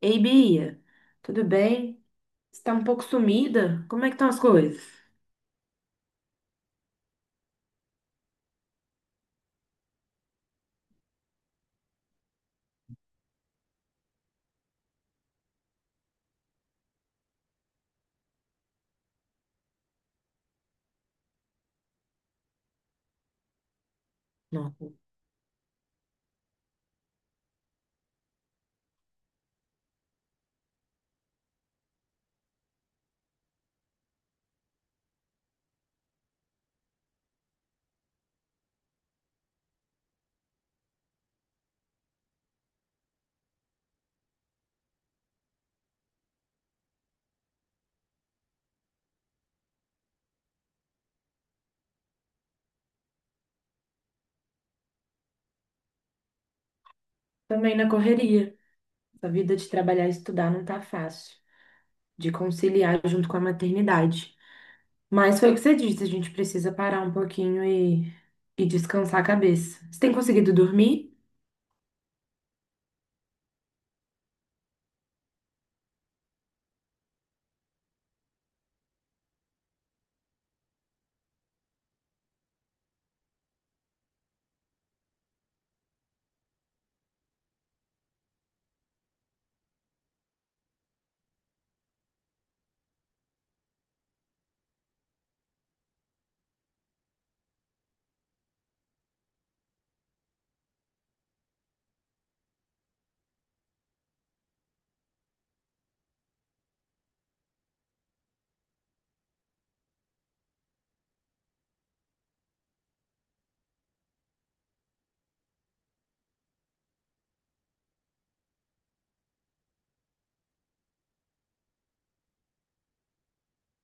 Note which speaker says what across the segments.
Speaker 1: Ei, Bia, tudo bem? Você tá um pouco sumida? Como é que estão as coisas? Nossa, também na correria. A vida de trabalhar e estudar não tá fácil, de conciliar junto com a maternidade. Mas foi o que você disse, a gente precisa parar um pouquinho e descansar a cabeça. Você tem conseguido dormir?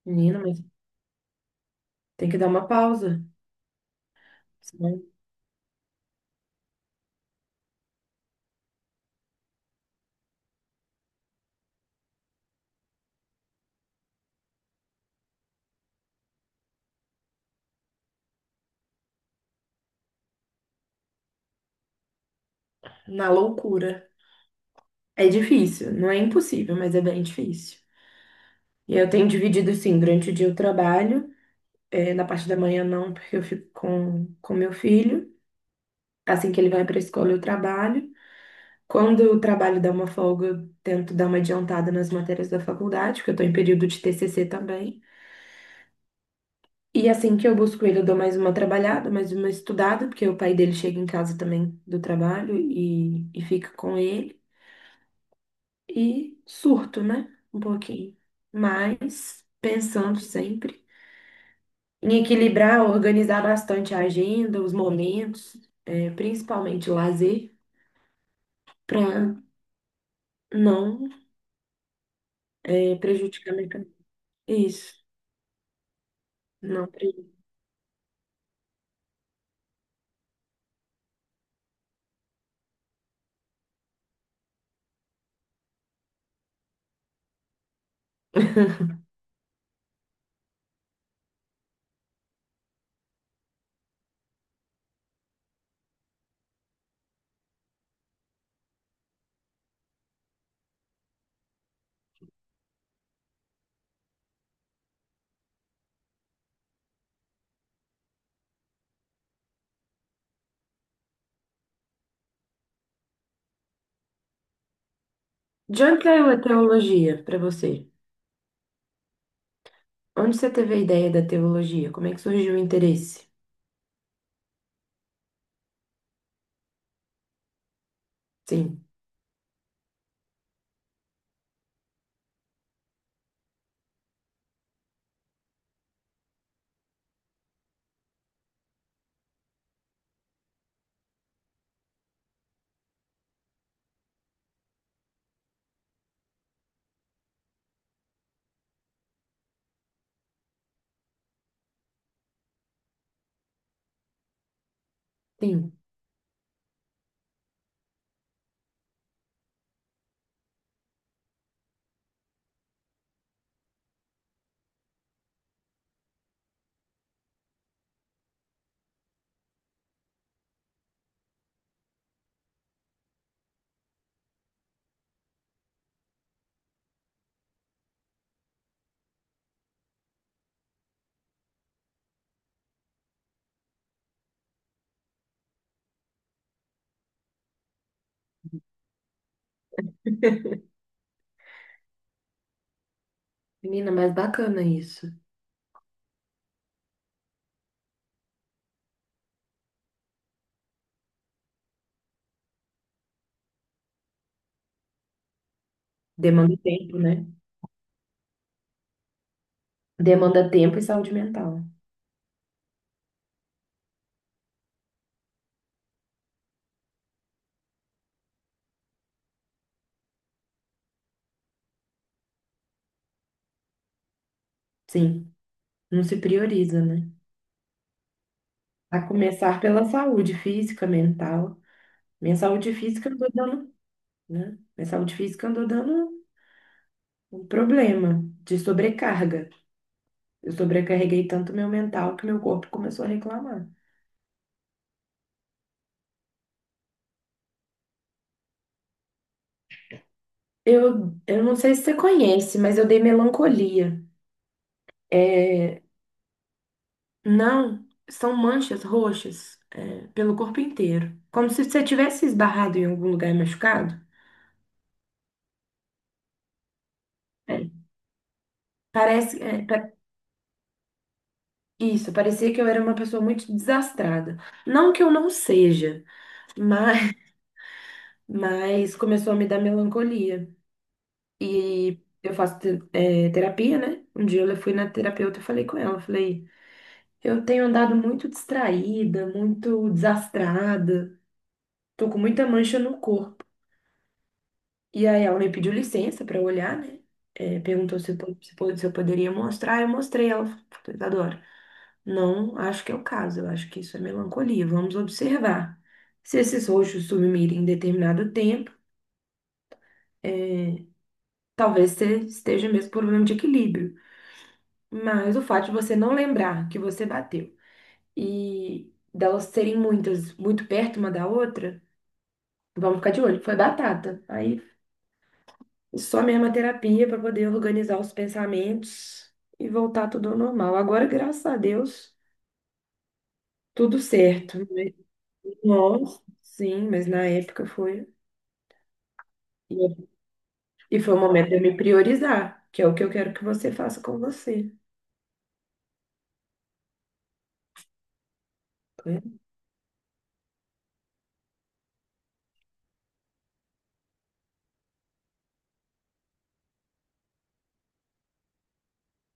Speaker 1: Menina, mas tem que dar uma pausa, senão na loucura. É difícil, não é impossível, mas é bem difícil. E eu tenho dividido assim, durante o dia eu trabalho. É, na parte da manhã não, porque eu fico com meu filho. Assim que ele vai para a escola, eu trabalho. Quando o trabalho dá uma folga, eu tento dar uma adiantada nas matérias da faculdade, porque eu estou em período de TCC também. E assim que eu busco ele, eu dou mais uma trabalhada, mais uma estudada, porque o pai dele chega em casa também do trabalho e fica com ele. E surto, né? Um pouquinho. Mas pensando sempre. Em equilibrar, organizar bastante a agenda, os momentos, é, principalmente o lazer, para não é, prejudicar minha caminho. Isso, não prejudicar. De onde saiu a teologia para você? Onde você teve a ideia da teologia? Como é que surgiu o interesse? Sim, sim. Menina, mas bacana isso. Demanda tempo, né? Demanda tempo e saúde mental. Sim, não se prioriza, né? A começar pela saúde física, mental. Minha saúde física eu não tô dando, né? Minha saúde física andou dando um problema de sobrecarga. Eu sobrecarreguei tanto meu mental que meu corpo começou a reclamar. Eu não sei se você conhece, mas eu dei melancolia. É, não, são manchas roxas, é, pelo corpo inteiro. Como se você tivesse esbarrado em algum lugar machucado. É, parece, é, isso, parecia que eu era uma pessoa muito desastrada. Não que eu não seja, mas, mas começou a me dar melancolia. E eu faço terapia, né? Um dia eu fui na terapeuta e falei com ela, eu falei, eu tenho andado muito distraída, muito desastrada, tô com muita mancha no corpo. E aí ela me pediu licença pra olhar, né? Perguntou se eu, se eu poderia mostrar, eu mostrei, ela falou, Isadora, não acho que é o caso, eu acho que isso é melancolia, vamos observar. Se esses roxos sumirem em determinado tempo, é, talvez você esteja mesmo com problema de equilíbrio. Mas o fato de você não lembrar que você bateu e delas serem muitas, muito perto uma da outra, vamos ficar de olho, foi batata. Aí só mesmo a terapia para poder organizar os pensamentos e voltar tudo ao normal. Agora, graças a Deus, tudo certo. Mas, nossa, sim, mas na época foi. E e foi o momento de eu me priorizar, que é o que eu quero que você faça com você. Né?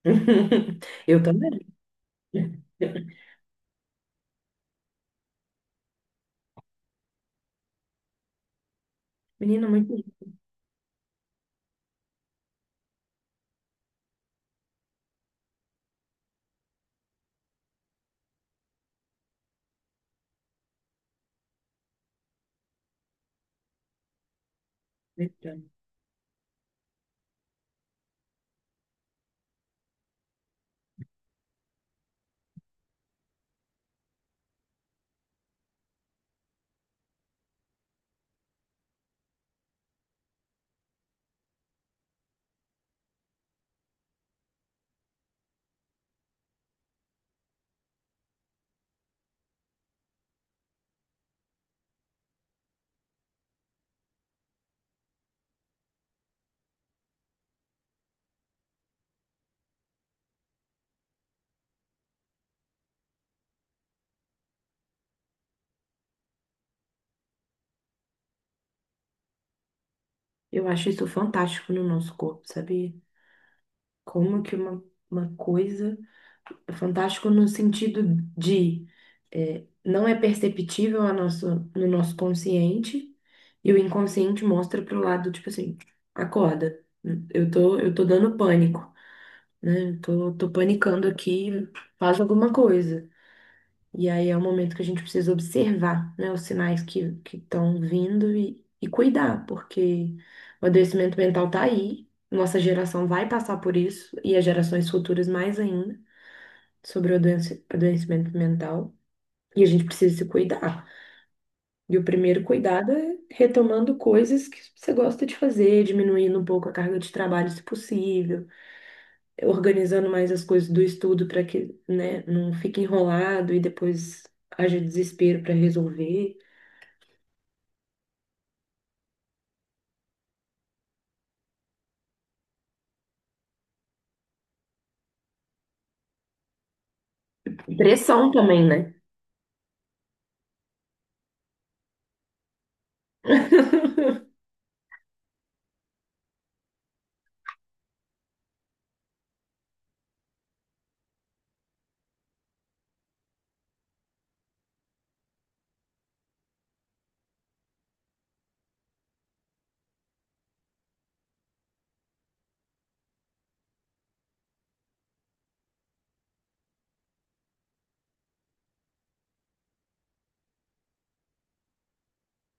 Speaker 1: Eu também. Menina, muito. Eu acho isso fantástico no nosso corpo, sabe? Como que uma coisa é fantástico no sentido de é, não é perceptível no nosso consciente e o inconsciente mostra pro lado, tipo assim, acorda, eu tô dando pânico, né? Eu tô panicando aqui, faz alguma coisa. E aí é o momento que a gente precisa observar, né, os sinais que estão vindo e cuidar, porque o adoecimento mental tá aí, nossa geração vai passar por isso e as gerações futuras mais ainda sobre o adoecimento mental e a gente precisa se cuidar. E o primeiro cuidado é retomando coisas que você gosta de fazer, diminuindo um pouco a carga de trabalho se possível, organizando mais as coisas do estudo para que, né, não fique enrolado e depois haja desespero para resolver. Pressão também, né?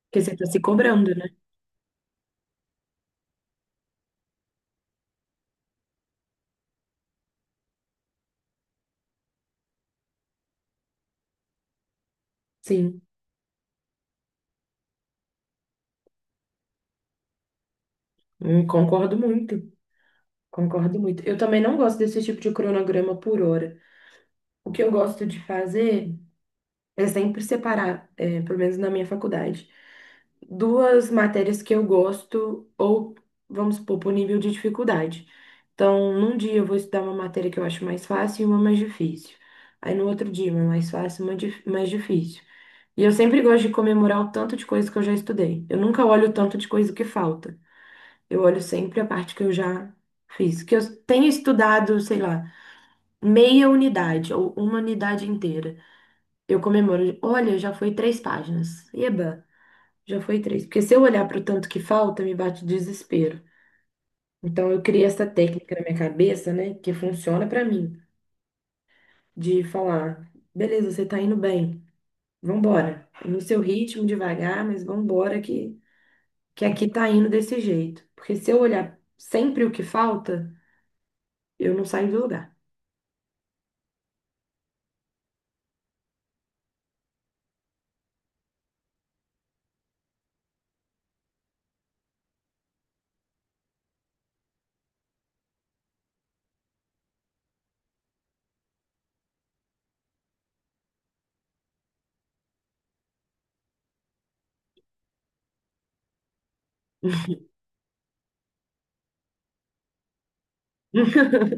Speaker 1: Porque você tá se cobrando, né? Sim, concordo muito. Concordo muito. Eu também não gosto desse tipo de cronograma por hora. O que eu gosto de fazer é sempre separar, é, pelo menos na minha faculdade, duas matérias que eu gosto, ou vamos supor, por nível de dificuldade. Então, num dia eu vou estudar uma matéria que eu acho mais fácil e uma mais difícil. Aí no outro dia, uma mais fácil e uma mais difícil. E eu sempre gosto de comemorar o tanto de coisa que eu já estudei. Eu nunca olho o tanto de coisa que falta. Eu olho sempre a parte que eu já fiz. Que eu tenho estudado, sei lá, meia unidade ou uma unidade inteira. Eu comemoro. Olha, já foi três páginas. Eba, já foi três. Porque se eu olhar para o tanto que falta, me bate desespero. Então eu criei essa técnica na minha cabeça, né? Que funciona para mim, de falar, beleza, você tá indo bem. Vambora. No seu ritmo, devagar, mas vambora que aqui tá indo desse jeito. Porque se eu olhar sempre o que falta, eu não saio do lugar.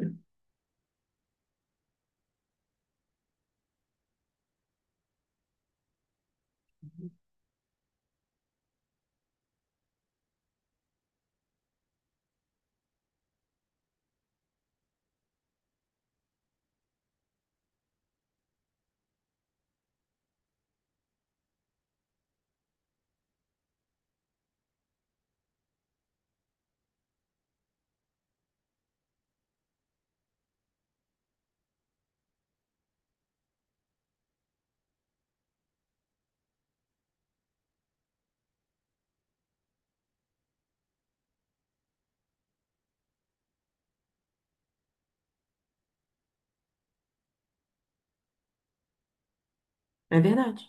Speaker 1: É verdade.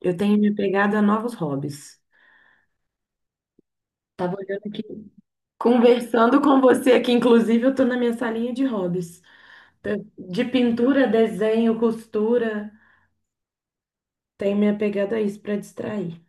Speaker 1: Eu tenho me pegado a novos hobbies. Tava olhando aqui. Conversando com você aqui, inclusive eu estou na minha salinha de hobbies. De pintura, desenho, costura, tenho minha pegada a isso para distrair.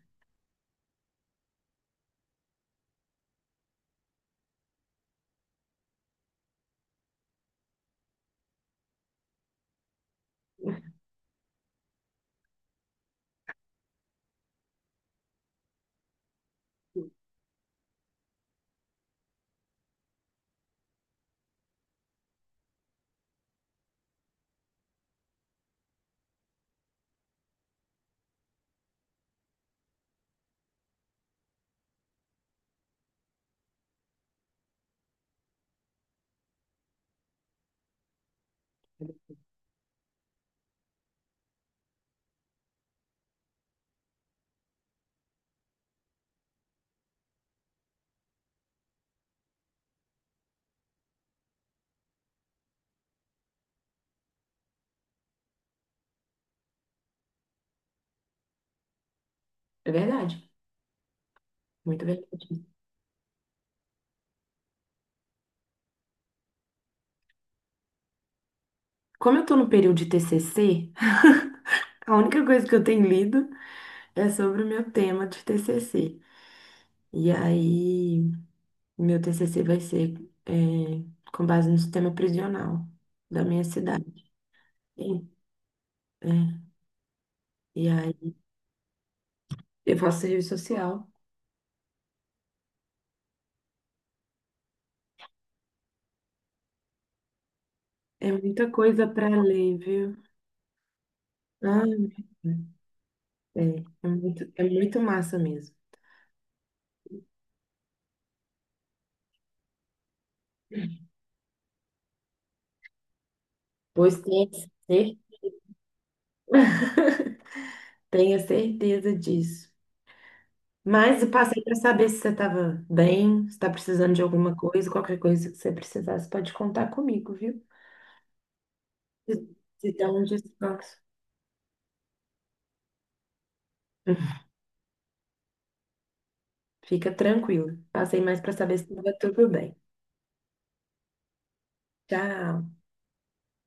Speaker 1: É verdade, muito verdade. Como eu estou no período de TCC, a única coisa que eu tenho lido é sobre o meu tema de TCC. E aí, meu TCC vai ser, é, com base no sistema prisional da minha cidade. E, é, e aí, eu faço serviço social. É muita coisa para ler, viu? Ah, é, é muito massa mesmo. Pois cer- tenha certeza disso. Mas eu passei para saber se você estava bem, se está precisando de alguma coisa, qualquer coisa que você precisasse, pode contar comigo, viu? Se se dá um descanso. Fica tranquilo. Passei mais para saber se estava tudo bem. Tchau.